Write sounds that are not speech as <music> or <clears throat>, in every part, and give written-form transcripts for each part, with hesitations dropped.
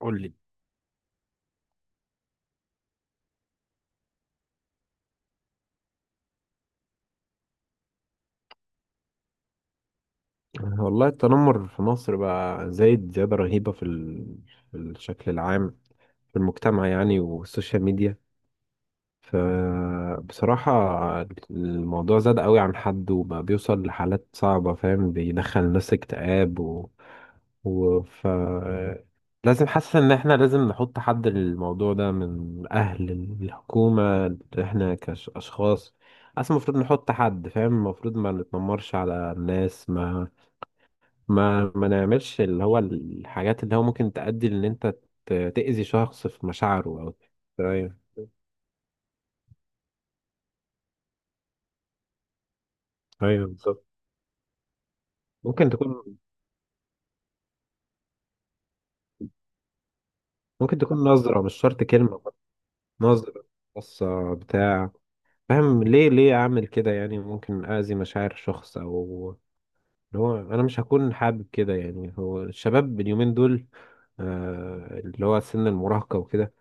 قول لي. والله التنمر في مصر بقى زايد زيادة رهيبة في الشكل العام، في المجتمع يعني، والسوشيال ميديا. فبصراحة الموضوع زاد قوي عن حد، وبقى بيوصل لحالات صعبة. فاهم؟ بيدخل الناس اكتئاب و... و... ف لازم. حاسس ان احنا لازم نحط حد للموضوع ده من الاهل، الحكومة، احنا كاشخاص. اصلا المفروض نحط حد. فاهم؟ المفروض ما نتنمرش على الناس، ما نعملش اللي هو الحاجات اللي هو ممكن تؤدي ان انت تأذي شخص في مشاعره او... ايوه، ايوه، بالظبط. ممكن تكون ممكن تكون نظرة، مش شرط كلمة. نظرة، بصة، بتاع. فاهم؟ ليه اعمل كده؟ يعني ممكن اذي مشاعر شخص، او اللي هو انا مش هكون حابب كده. يعني هو الشباب اليومين دول، اللي هو سن المراهقة وكده،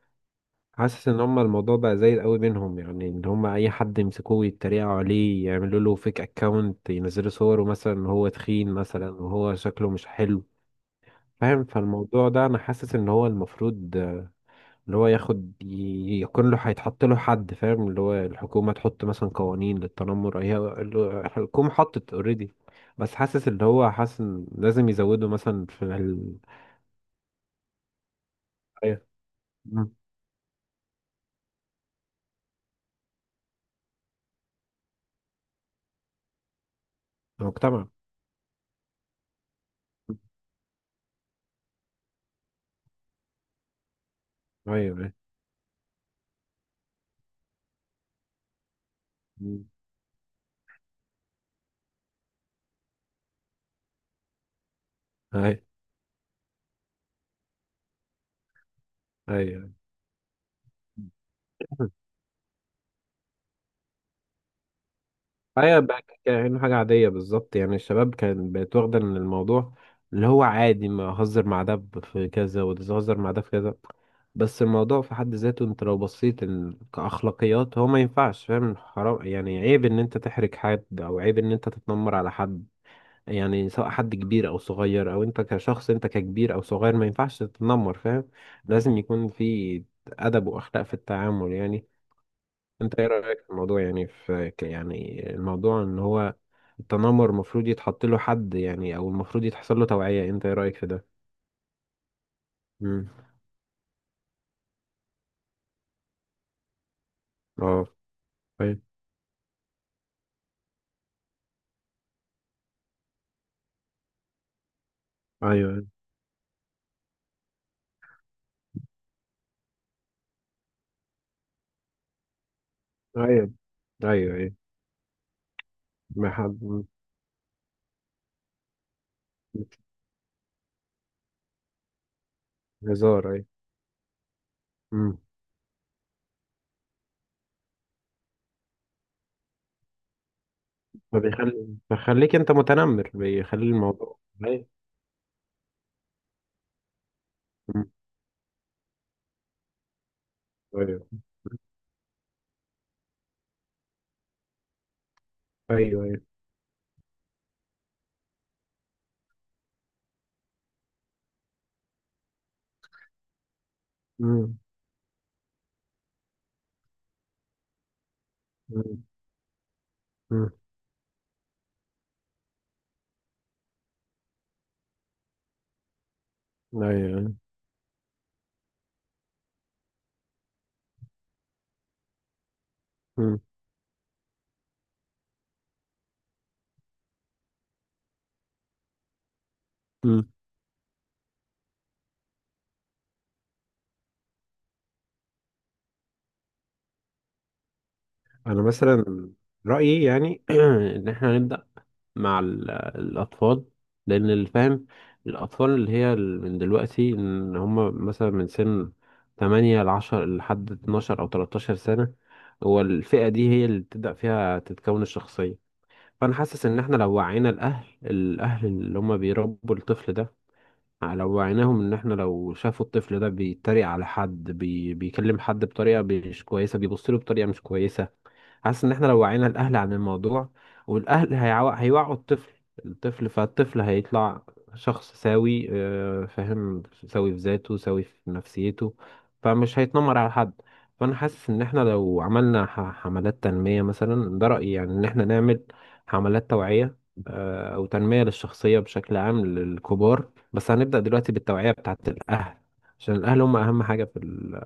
حاسس ان هما الموضوع بقى زي قوي بينهم. يعني ان هما اي حد يمسكوه يتريقوا عليه، يعملوا له فيك اكونت، ينزلوا صوره مثلا إن هو تخين مثلا، وهو شكله مش حلو. فاهم؟ فالموضوع ده انا حاسس ان هو المفروض اللي هو ياخد يكون له، هيتحط له حد. فاهم؟ اللي هو الحكومة تحط مثلا قوانين للتنمر. هي الحكومة حطت اوريدي، بس حاسس اللي هو حاسس إن لازم يزودوا مثلا أيوة. مم. المجتمع. ايوه، ايوه. مم. ايوه، ايوه، ايوه بقى كأنه حاجة عادية بالظبط. يعني الشباب كان بقت واخدة ان الموضوع اللي هو عادي، ما اهزر مع ده في كذا، وتهزر مع ده في كذا. بس الموضوع في حد ذاته، انت لو بصيت كأخلاقيات، هو ما ينفعش. فاهم؟ حرام. يعني عيب ان انت تحرج حد، او عيب ان انت تتنمر على حد. يعني سواء حد كبير او صغير، او انت كشخص، انت ككبير او صغير، ما ينفعش تتنمر. فاهم؟ لازم يكون في ادب واخلاق في التعامل يعني. انت ايه رأيك في الموضوع؟ يعني يعني الموضوع ان هو التنمر المفروض يتحط له حد يعني، او المفروض يتحصل له توعية. انت ايه رأيك في ده؟ امم. اه. طيب. ايوه، ايوه، ايوه، ايوه. ما حد. مم. هزار. ايوه. امم. فبيخلي بيخليك انت متنمر، بيخلي الموضوع. ايوه. مم. ايوه، ايوه، ايوه. امم. امم. ايوه. مم. انا مثلا رايي يعني، <clears throat> ان احنا نبدا مع الاطفال، لان اللي فاهم الاطفال من دلوقتي ان هم مثلا من سن 8 ل 10 لحد 12 او 13 سنه، هو الفئه دي هي اللي بتبدا فيها تتكون الشخصيه. فانا حاسس ان احنا لو وعينا الاهل اللي هم بيربوا الطفل ده، لو وعيناهم ان احنا لو شافوا الطفل ده بيتريق على حد، بيكلم حد بطريقه مش كويسه، بيبص له بطريقه مش كويسه. حاسس ان احنا لو وعينا الاهل عن الموضوع، والاهل هيوعوا الطفل. فالطفل هيطلع شخص سوي. فاهم؟ سوي في ذاته، سوي في نفسيته، فمش هيتنمر على حد. فانا حاسس ان احنا لو عملنا حملات تنمية مثلا. ده رأيي، يعني ان احنا نعمل حملات توعية، او تنمية للشخصية بشكل عام للكبار. بس هنبدأ دلوقتي بالتوعية بتاعت الأهل، عشان الأهل هم أهم حاجة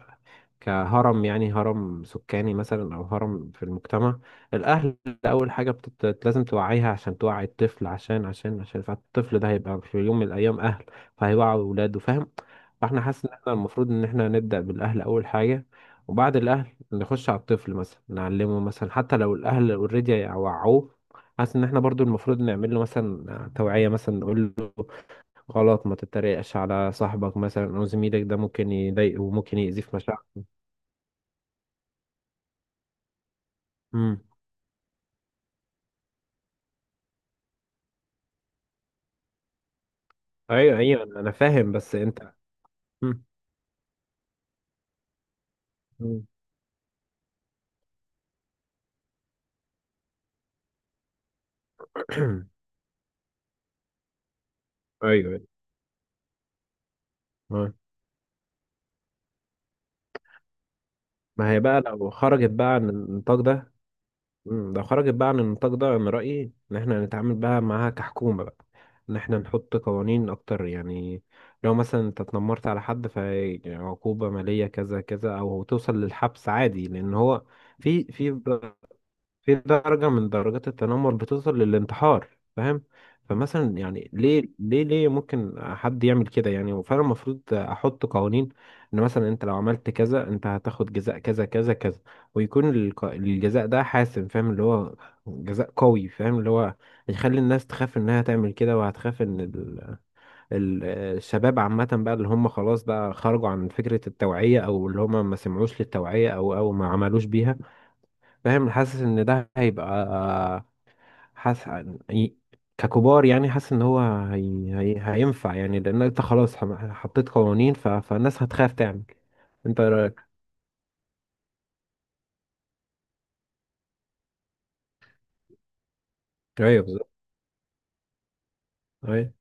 كهرم، يعني هرم سكاني مثلا، أو هرم في المجتمع. الأهل أول حاجة لازم توعيها عشان توعي الطفل، عشان فالطفل ده هيبقى في يوم من الأيام أهل، فهيوعي ولاده. فاهم؟ فاحنا حاسس إن احنا المفروض إن احنا نبدأ بالأهل أول حاجة، وبعد الأهل نخش على الطفل مثلا، نعلمه مثلا. حتى لو الأهل أوريدي وعوه، حاسس إن احنا برضو المفروض نعمل له مثلا توعية مثلا. نقول غلط، ما تتريقش على صاحبك مثلا او زميلك، ده ممكن يضايقه وممكن يأذيه في مشاعره. امم. ايوه، ايوه، انا فاهم، بس انت... مم. مم. <clears throat> ايوه، ايوه. آه. ما هي بقى لو خرجت بقى عن النطاق ده... مم. لو خرجت بقى عن النطاق ده، انا رأيي ان احنا نتعامل بقى معاها كحكومة بقى. ان احنا نحط قوانين اكتر يعني. لو مثلا انت اتنمرت على حد، فعقوبة مالية كذا كذا، او توصل للحبس عادي. لان هو في في في درجة من درجات التنمر بتوصل للانتحار. فاهم؟ فمثلا يعني ليه ممكن حد يعمل كده يعني؟ وفعلا المفروض احط قوانين، ان مثلا انت لو عملت كذا، انت هتاخد جزاء كذا كذا كذا. ويكون الجزاء ده حاسم. فاهم؟ اللي هو جزاء قوي. فاهم؟ اللي هو هيخلي الناس تخاف انها تعمل كده، وهتخاف ان ال- الشباب عامة بقى اللي هم خلاص بقى خرجوا عن فكرة التوعية، او اللي هم ما سمعوش للتوعية، او ما عملوش بيها. فاهم؟ حاسس ان ده هيبقى. حاسس ي- ككبار يعني. حاسس ان هو هينفع. يعني لان انت خلاص حطيت قوانين، فالناس هتخاف تعمل. انت إيه رايك؟ ايوه، بالظبط، ايوه.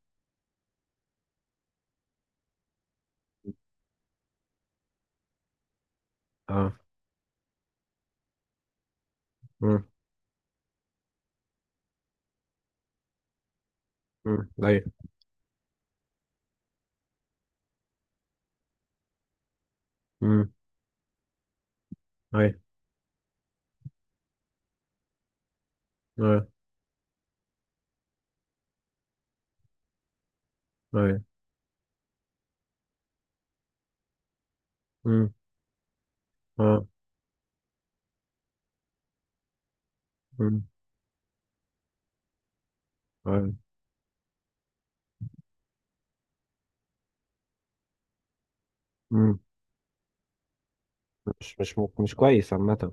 اه. امم. امم. ايوه. امم. ايوه، ايوه، ايوه. امم. اه. امم. ايوه. امم. مش كويس عامة.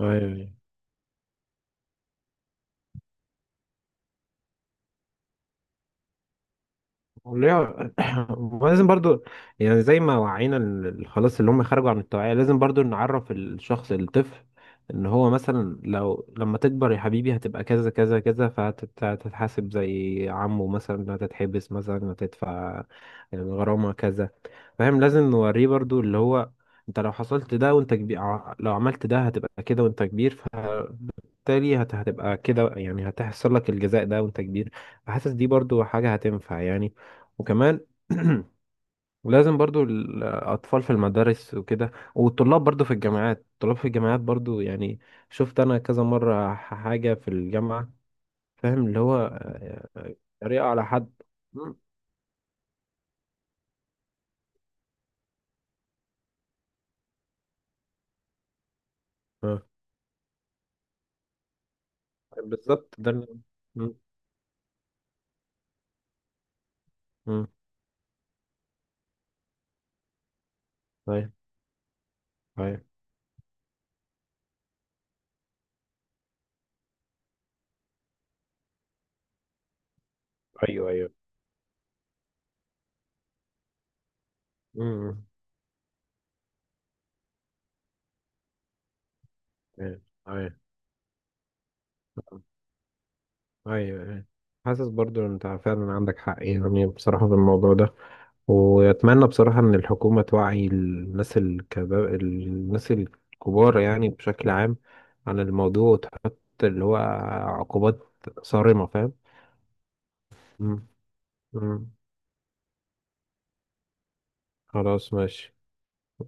ايوه. وليه- <coughs> <clears throat> ولازم برضو، يعني زي ما وعينا خلاص اللي هم خرجوا عن التوعية، لازم برضو نعرف الشخص الطفل ان هو مثلا، لو لما تكبر يا حبيبي هتبقى كذا كذا كذا، فهتتحاسب زي عمه مثلا. هتتحبس مثلا، هتدفع الغرامة كذا. فاهم؟ لازم نوريه برضو اللي هو انت لو حصلت ده وانت كبير، لو عملت ده هتبقى كده وانت كبير. بالتالي هتبقى كده يعني. هتحصل لك الجزاء ده وانت كبير. حاسس دي برضو حاجة هتنفع يعني. وكمان <clears throat> لازم برضو الأطفال في المدارس وكده، والطلاب برضو في الجامعات. الطلاب في الجامعات برضو يعني، شفت أنا كذا مرة حاجة في الجامعة. فاهم؟ اللي هو طريقة على حد. مم. آه، بالظبط. ده مم. مم. أيوه، أيوه، أيوه، أيوه. مم. أيوه، أيوه، ايوه، أيوة. حاسس برضو ان انت فعلا عندك حق يعني، بصراحة في الموضوع ده. واتمنى بصراحة ان الحكومة توعي الناس الكبار، الناس الكبار يعني بشكل عام، عن الموضوع، وتحط اللي هو عقوبات صارمة. فاهم؟ مم. مم. خلاص ماشي.